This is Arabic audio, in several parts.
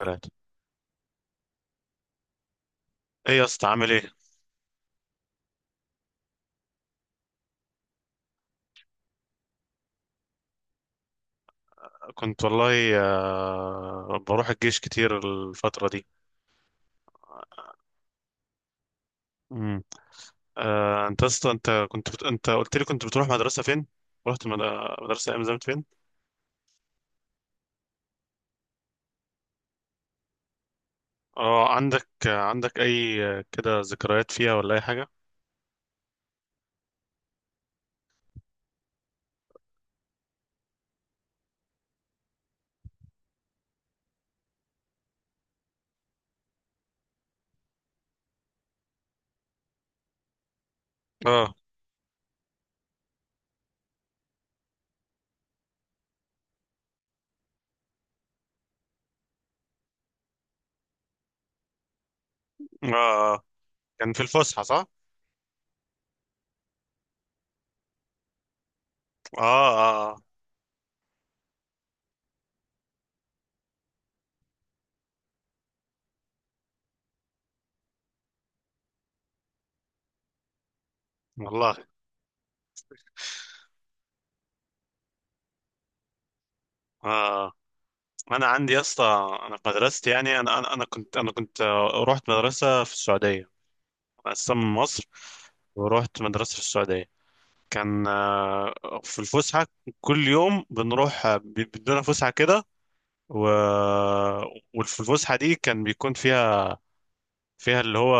ثلاثة. ايه يا اسطى، عامل ايه؟ كنت والله، بروح الجيش كتير الفترة دي. امم. انت يا اسطى، انت قلت لي كنت بتروح مدرسة فين؟ رحت مدرسة ايام زمان فين؟ اه، عندك اي كده ذكريات فيها ولا اي حاجة؟ اه، اه، آه. كان في الفسحة، صح؟ اه، اه، والله، اه. انا عندي يا اسطى، انا في مدرستي يعني انا كنت رحت مدرسة في السعودية. انا اصلا من مصر، ورحت مدرسة في السعودية. كان في الفسحة، كل يوم بنروح بيدونا فسحة كده، و... وفي الفسحة دي كان بيكون فيها اللي هو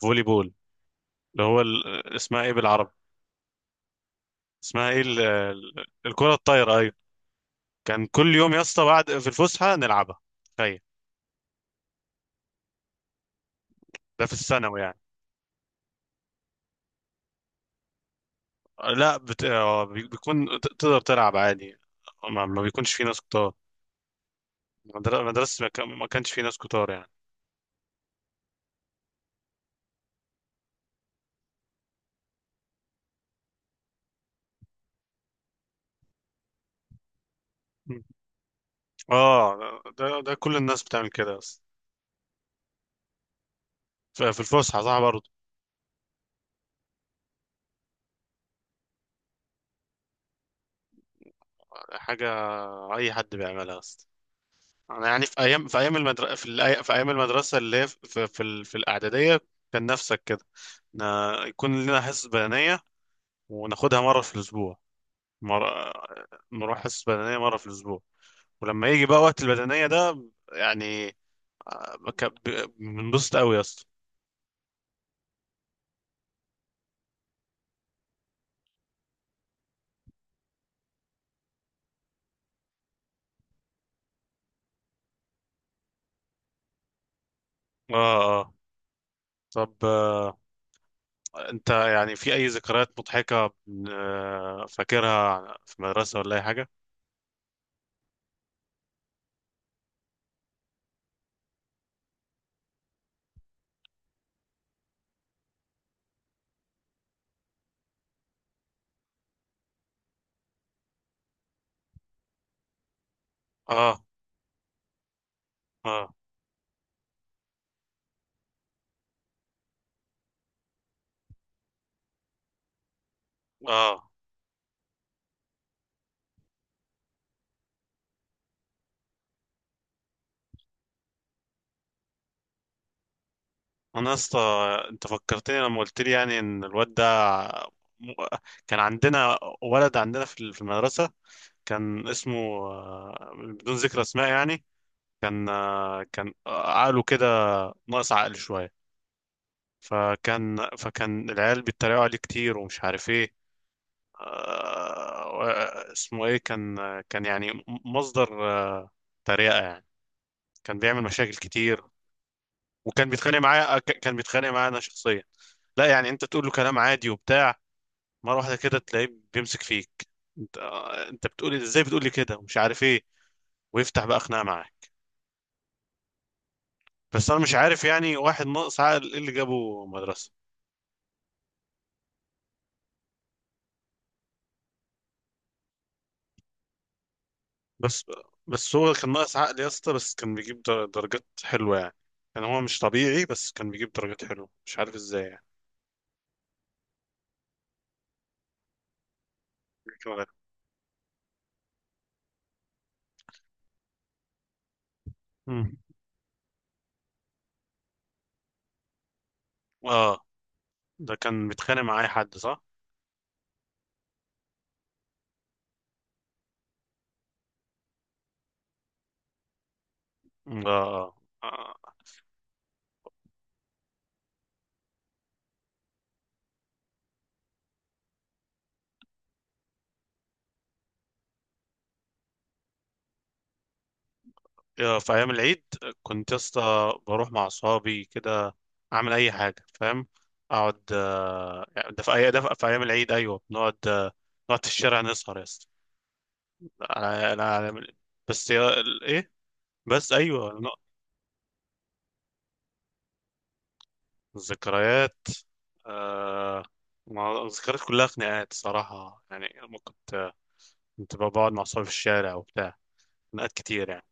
فولي بول، اللي هو اسمها ايه بالعربي؟ اسمها ايه الكرة الطايرة، ايوه. كان كل يوم يا اسطى بعد في الفسحة نلعبها، تخيل. ده في الثانوي يعني. لا، بيكون تقدر تلعب عادي، ما بيكونش في ناس كتار. مدرسة ما كانش في ناس كتار يعني. اه، ده كل الناس بتعمل كده، بس في الفسحه، صح برضه؟ حاجه، اي حد بيعملها اصلا. انا يعني في ايام المدرسه، في ايام المدرسه اللي هي في الاعداديه، كان نفسك كده يكون لنا حصص بدنيه، وناخدها مره في الاسبوع. مرة، نروح حصص بدنيه مره في الاسبوع. ولما يجي بقى وقت البدنيه ده، يعني بنبسط قوي يا اسطى. اه، اه. طب، انت يعني في اي ذكريات مضحكة، فاكرها في المدرسة ولا اي حاجة؟ اه، اه، اه، انا يا اسطى، انت فكرتني لما قلت لي يعني ان الواد ده، م- كان عندنا ولد عندنا في المدرسة. كان اسمه، بدون ذكر اسماء يعني، كان عقله كده ناقص عقل شوية. فكان العيال بيتريقوا عليه كتير ومش عارف ايه. اسمه ايه كان؟ كان يعني مصدر تريقة يعني، كان بيعمل مشاكل كتير، وكان بيتخانق معايا، كان بيتخانق معايا انا شخصيا. لا يعني، انت تقول له كلام عادي وبتاع، مرة واحدة كده تلاقيه بيمسك فيك، انت بتقول إيه؟ ازاي بتقول لي كده ومش عارف ايه، ويفتح بقى خناقة معايا. بس انا مش عارف يعني، واحد ناقص عقل ايه اللي جابه مدرسة؟ بس بس هو كان ناقص عقل يا اسطى، بس كان بيجيب درجات حلوة يعني. كان هو مش طبيعي، بس كان بيجيب درجات حلوة، مش عارف ازاي يعني. كده. مم. اه، ده كان بيتخانق مع اي حد، صح؟ مم. آه. آه. في ايام العيد كنت يا اسطى بروح مع اصحابي كده، اعمل اي حاجه، فاهم؟ اقعد، ده في ايام العيد، ايوه، بنقعد آه، نقعد في الشارع نسهر يا اسطى. أنا- أنا- أنا- ايه بس ايوه نق- الذكريات آه ما- الذكريات كلها خناقات صراحه يعني. لما كنت بقعد مع اصحابي في الشارع وبتاع، خناقات كتير يعني.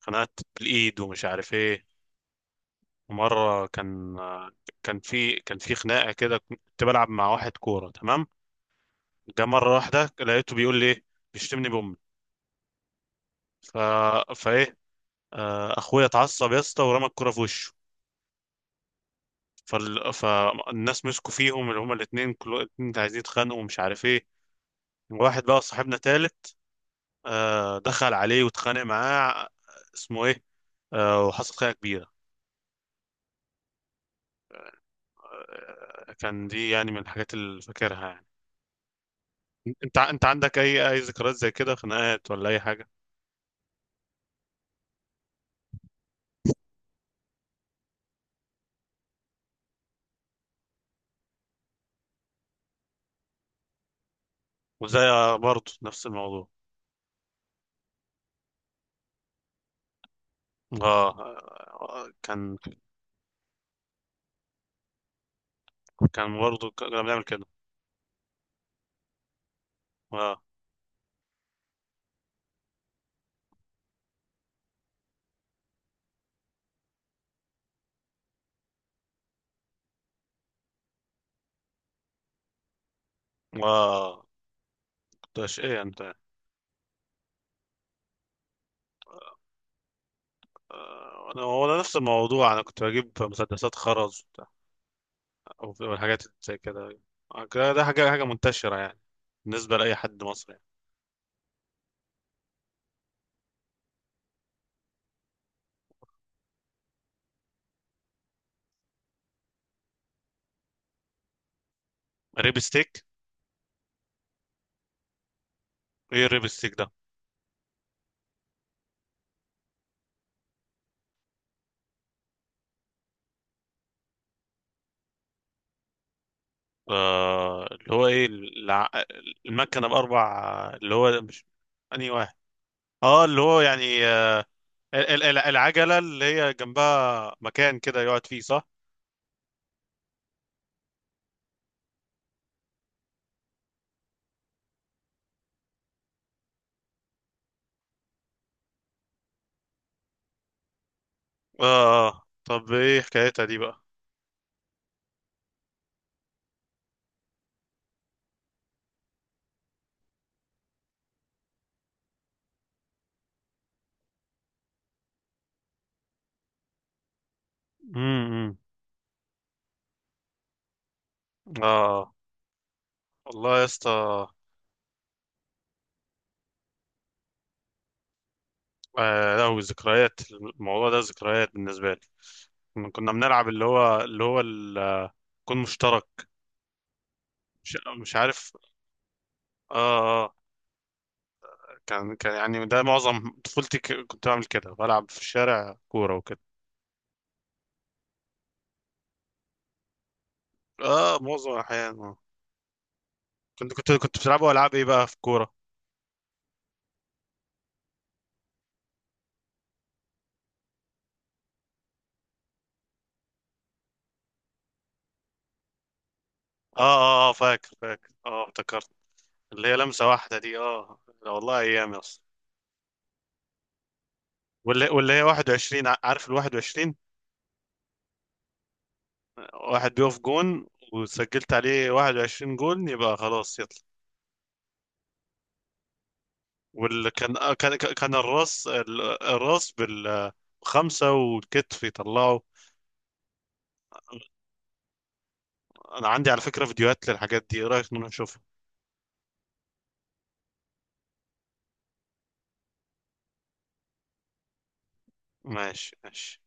خناقات بالايد ومش عارف ايه، ومره كان، كان في خناقه كده، كنت بلعب مع واحد كوره، تمام. جه مره واحده لقيته بيقول لي إيه؟ بيشتمني بامي، ف فايه، اخويا اتعصب يا اسطى ورمى الكوره في وشه. فالناس مسكوا فيهم، اللي هما الاثنين، كل الاثنين عايزين يتخانقوا ومش عارف ايه. واحد بقى صاحبنا تالت، دخل عليه واتخانق معاه، اسمه ايه، وحصل خناقه كبيره. كان دي يعني من الحاجات اللي فاكرها يعني. انت عندك اي ذكريات زي كده، خناقات ولا اي حاجه؟ وزي، برضه نفس الموضوع. اه، آه، كان كان برضه كنا بنعمل كده. اه، اه. كنت ايش، ايه انت؟ انا هو نفس الموضوع، انا كنت بجيب مسدسات خرز وبتاع، او الحاجات زي كده. ده حاجه منتشره يعني بالنسبه لاي حد مصري يعني. ريب ستيك؟ ايه الريب ستيك ده؟ اللي هو ايه المكنه باربع، اللي هو مش، انهي واحد، اه اللي هو يعني العجلة اللي هي جنبها مكان كده يقعد فيه، صح؟ اه، آه. طب، ايه حكايتها دي بقى؟ امم. اه والله يا اسطى. لا، ذكريات الموضوع ده ذكريات بالنسبة لي، كنا بنلعب اللي هو الكون مشترك، مش عارف. اه، اه، كان يعني ده معظم طفولتي، كنت بعمل كده، بلعب في الشارع كورة وكده. اه، معظم الأحيان. آه. كنت بتلعبوا ألعاب ايه بقى في كورة؟ اه، اه، اه، فاكر فاكر، اه افتكرت، اللي هي لمسة واحدة دي، اه، لا والله، ايام يا اسطى. واللي هي 21، عارف ال 21، واحد بيقف جون، وسجلت عليه 21 جون يبقى خلاص يطلع. واللي كان آه، كان كان الراس، الراس بالخمسة والكتف يطلعه. انا عندي على فكرة فيديوهات للحاجات دي، ايه رأيك نروح نشوفها؟ ماشي ماشي.